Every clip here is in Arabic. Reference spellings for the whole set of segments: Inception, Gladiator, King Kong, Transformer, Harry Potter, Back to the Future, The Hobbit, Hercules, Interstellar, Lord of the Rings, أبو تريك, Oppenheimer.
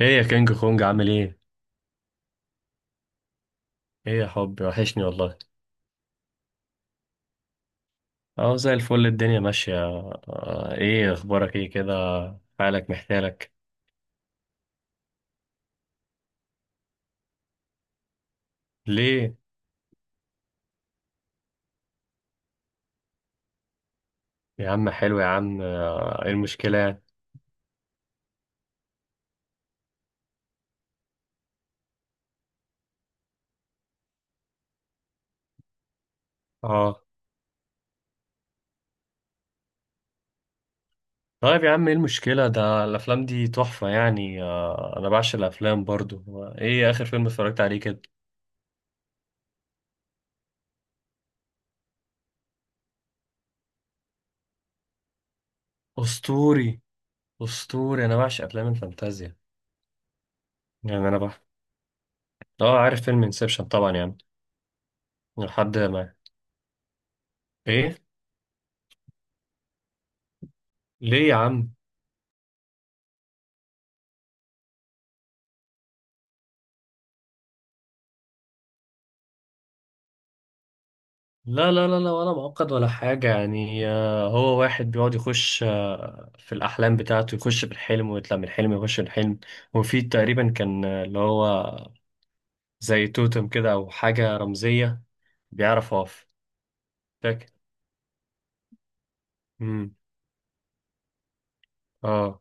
ايه يا كينج كونج عامل ايه؟ ايه يا حبي وحشني والله. اهو زي الفل الدنيا ماشية. ايه اخبارك ايه كده حالك محتالك؟ ليه يا عم؟ حلو يا عم. ايه المشكلة يعني؟ اه. طيب يا عم ايه المشكلة؟ ده الافلام دي تحفة يعني. انا بعشق الافلام برضو. ايه اخر فيلم اتفرجت عليه كده؟ اسطوري اسطوري. انا بعشق افلام الفانتازيا. يعني انا بح اه عارف فيلم انسبشن طبعا يعني. لحد ما ايه ليه يا عم؟ لا لا لا لا، ولا معقد ولا حاجة يعني. هو واحد بيقعد يخش في الأحلام بتاعته، يخش في الحلم ويطلع من الحلم يخش في الحلم. وفي تقريبا كان، اللي هو زي توتم كده أو حاجة رمزية بيعرف أقف فاكر؟ أمم. أه.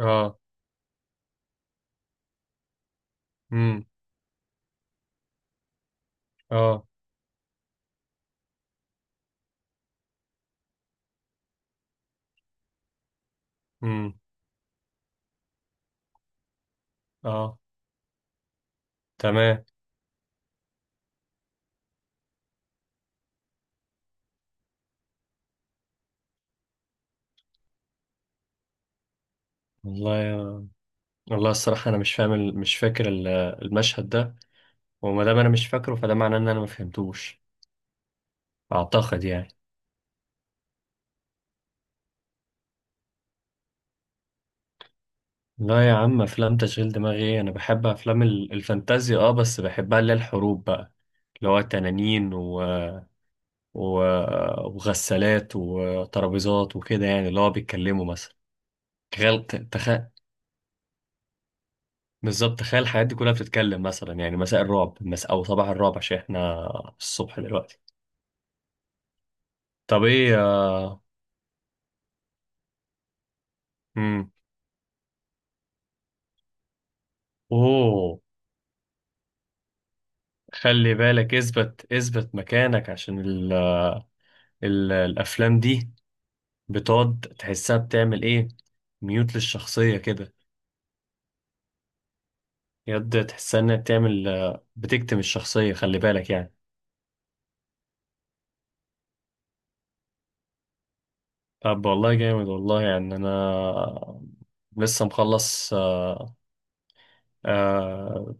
أه. أمم. أه. أمم. أه. تمام. والله يا- والله الصراحة أنا مش فاهم مش فاكر المشهد ده. وما دام أنا مش فاكره فده معناه إن أنا ما فهمتوش، أعتقد يعني. لا يا عم، افلام تشغيل دماغي ايه؟ انا بحب افلام الفانتازيا اه، بس بحبها اللي هي الحروب بقى، اللي هو تنانين و... وغسالات وترابيزات وكده، يعني اللي هو بيتكلموا مثلا. تخيل بالظبط تخيل الحاجات دي كلها بتتكلم مثلا يعني. مساء الرعب، او صباح الرعب عشان احنا الصبح دلوقتي. طب ايه؟ امم. اوه. خلي بالك، اثبت اثبت مكانك عشان الافلام دي بتقعد تحسها بتعمل ايه؟ ميوت للشخصية كده، يد تحسها انها بتعمل، بتكتم الشخصية، خلي بالك يعني. طب والله جامد والله يعني. انا لسه مخلص آه. آه.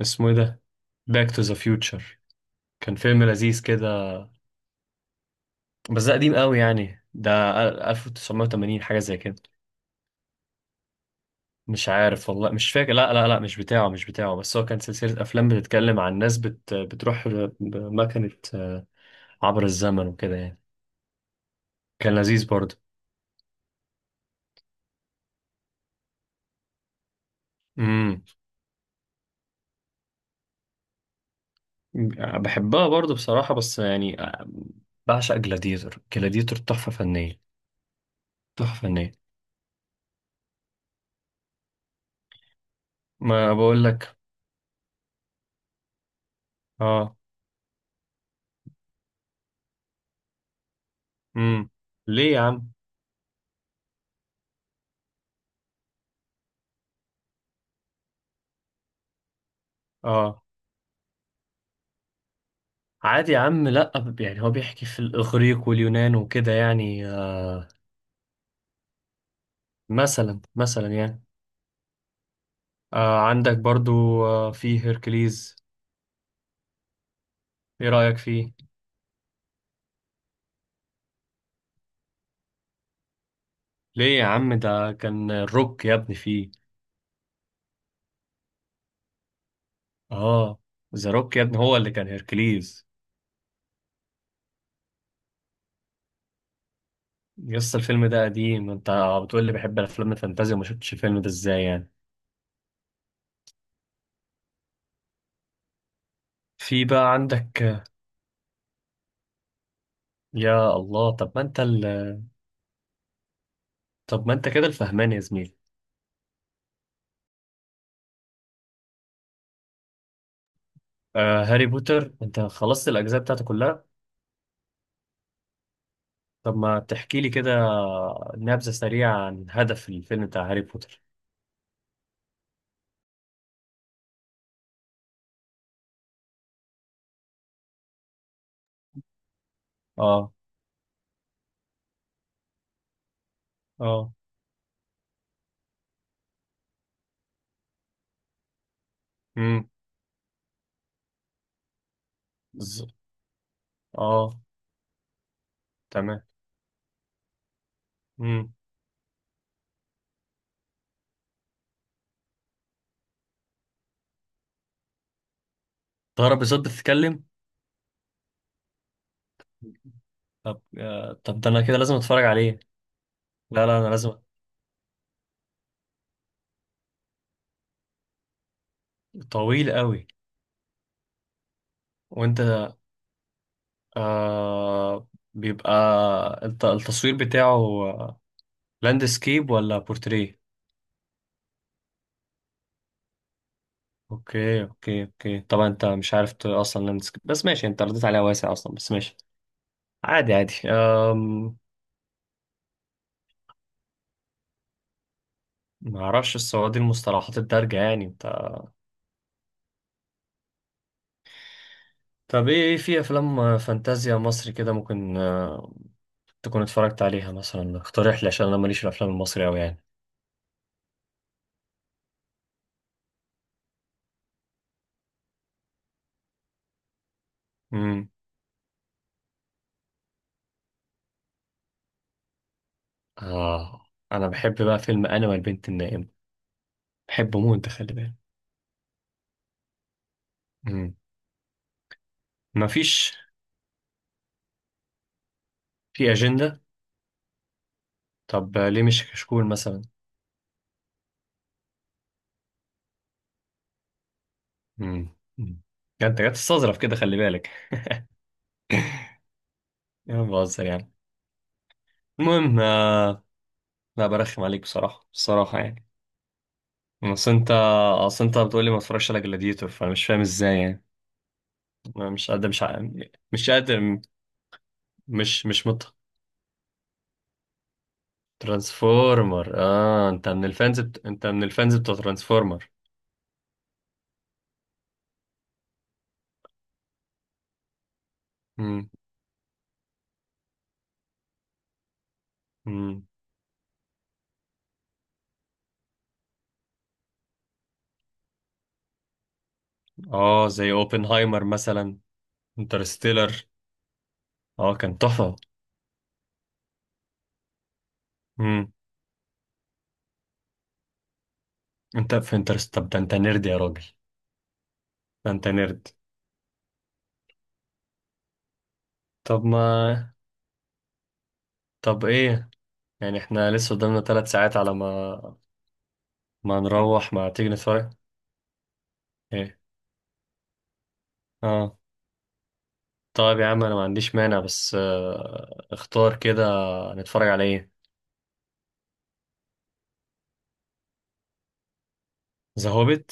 اسمه ايه ده؟ باك تو ذا فيوتشر. كان فيلم لذيذ كده، بس ده قديم قوي يعني، ده 1980 حاجة زي كده. مش عارف والله، مش فاكر. لا لا لا، مش بتاعه مش بتاعه، بس هو كان سلسلة أفلام بتتكلم عن ناس بتروح بمكنة، عبر الزمن وكده يعني. كان لذيذ برضه. امم. بحبها برضه بصراحة، بس يعني، بعشق جلاديتور. جلاديتور تحفة فنية، تحفة فنية. ما بقول لك. اه. امم. ليه يا عم؟ اه عادي يا عم؟ لا، يعني هو بيحكي في الإغريق واليونان وكده يعني، آه. مثلا مثلا يعني. آه عندك برضو، آه، في هيركليز. ايه رأيك فيه؟ ليه يا عم؟ ده كان الروك يا ابني فيه. اه. ذا روك يا ابني هو اللي كان هيركليز. يس، الفيلم ده قديم. انت بتقول لي بحب الافلام الفانتازيا وما شفتش الفيلم ده؟ ازاي يعني؟ في بقى عندك. يا الله، طب ما انت طب ما انت كده الفهمان يا زميلي. آه هاري بوتر، انت خلصت الاجزاء بتاعته كلها؟ طب ما تحكي لي كده نبذة سريعة عن هدف الفيلم بتاع هاري بوتر. اه. اه. امم. ز... اه تمام. امم. ضرب بصوت بتتكلم؟ طب آه، طب ده انا كده لازم اتفرج عليه. لا لا، انا لازم. طويل قوي. وانت، آه بيبقى التصوير بتاعه لاندسكيب ولا بورتريه؟ اوكي اوكي اوكي. طبعا انت مش عارف اصلا لاندسكيب، بس ماشي، انت رديت عليها واسع اصلا، بس ماشي، عادي عادي. ما اعرفش السعودي المصطلحات الدارجة يعني انت. طب ايه؟ في افلام فانتازيا مصري كده ممكن، تكون اتفرجت عليها مثلا؟ اقترح لي عشان انا ماليش في الافلام المصري قوي يعني. امم. اه انا بحب بقى فيلم انا والبنت النائمة، بحبه موت ده، خلي بالك. مم. مفيش في أجندة. طب ليه مش كشكول مثلا؟ امم. يعني انت جاي تستظرف كده، خلي بالك. يا عم بهزر يعني. المهم، لا برخم عليك بصراحة، بصراحة يعني. اصل انت اصل انت بتقول لي ما اتفرجش على جلاديتور، فانا مش فاهم ازاي يعني. أنا مش قادر، مش قادر. مش مش مت ترانسفورمر اه، انت من الفانز انت من الفانز بتوع ترانسفورمر. امم. امم. اه، زي اوبنهايمر مثلا. انترستيلر. اه كان تحفة. انت في طب ده انت نيرد يا راجل، ده انت نيرد. طب ما طب ايه، يعني احنا لسه قدامنا 3 ساعات، على ما ما نروح ما تيجي نتفرج. ايه؟ اه. طيب يا عم انا ما عنديش مانع، بس، اختار كده نتفرج على ايه. ذا هوبيت.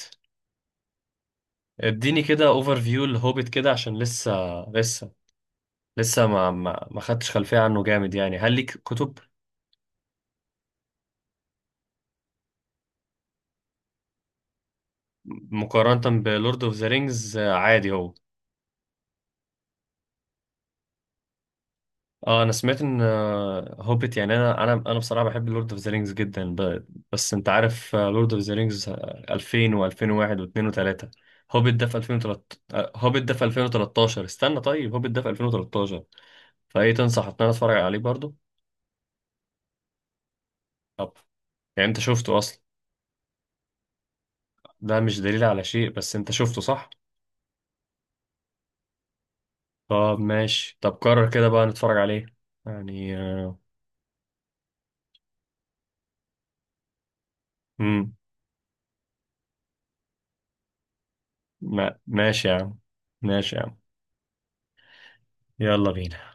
اديني كده اوفر فيو الهوبيت كده عشان لسه لسه ما خدتش خلفية عنه. جامد يعني؟ هل ليك كتب؟ مقارنة بلورد اوف ذا رينجز، عادي هو؟ اه انا سمعت ان، هوبيت يعني، انا بصراحه بحب لورد اوف ذا رينجز جدا، بس انت عارف لورد اوف ذا رينجز 2000 و2001 و2 و3، هوبيت ده في 2013. استنى طيب، هوبيت ده في 2013، فايه تنصح ان انا اتفرج عليه برضو؟ طب يعني انت شفته اصلا؟ ده مش دليل على شيء، بس انت شفته صح؟ طب ماشي، طب قرر كده بقى نتفرج عليه يعني. امم. ماشي يا عم، ماشي يا عم. يلا بينا.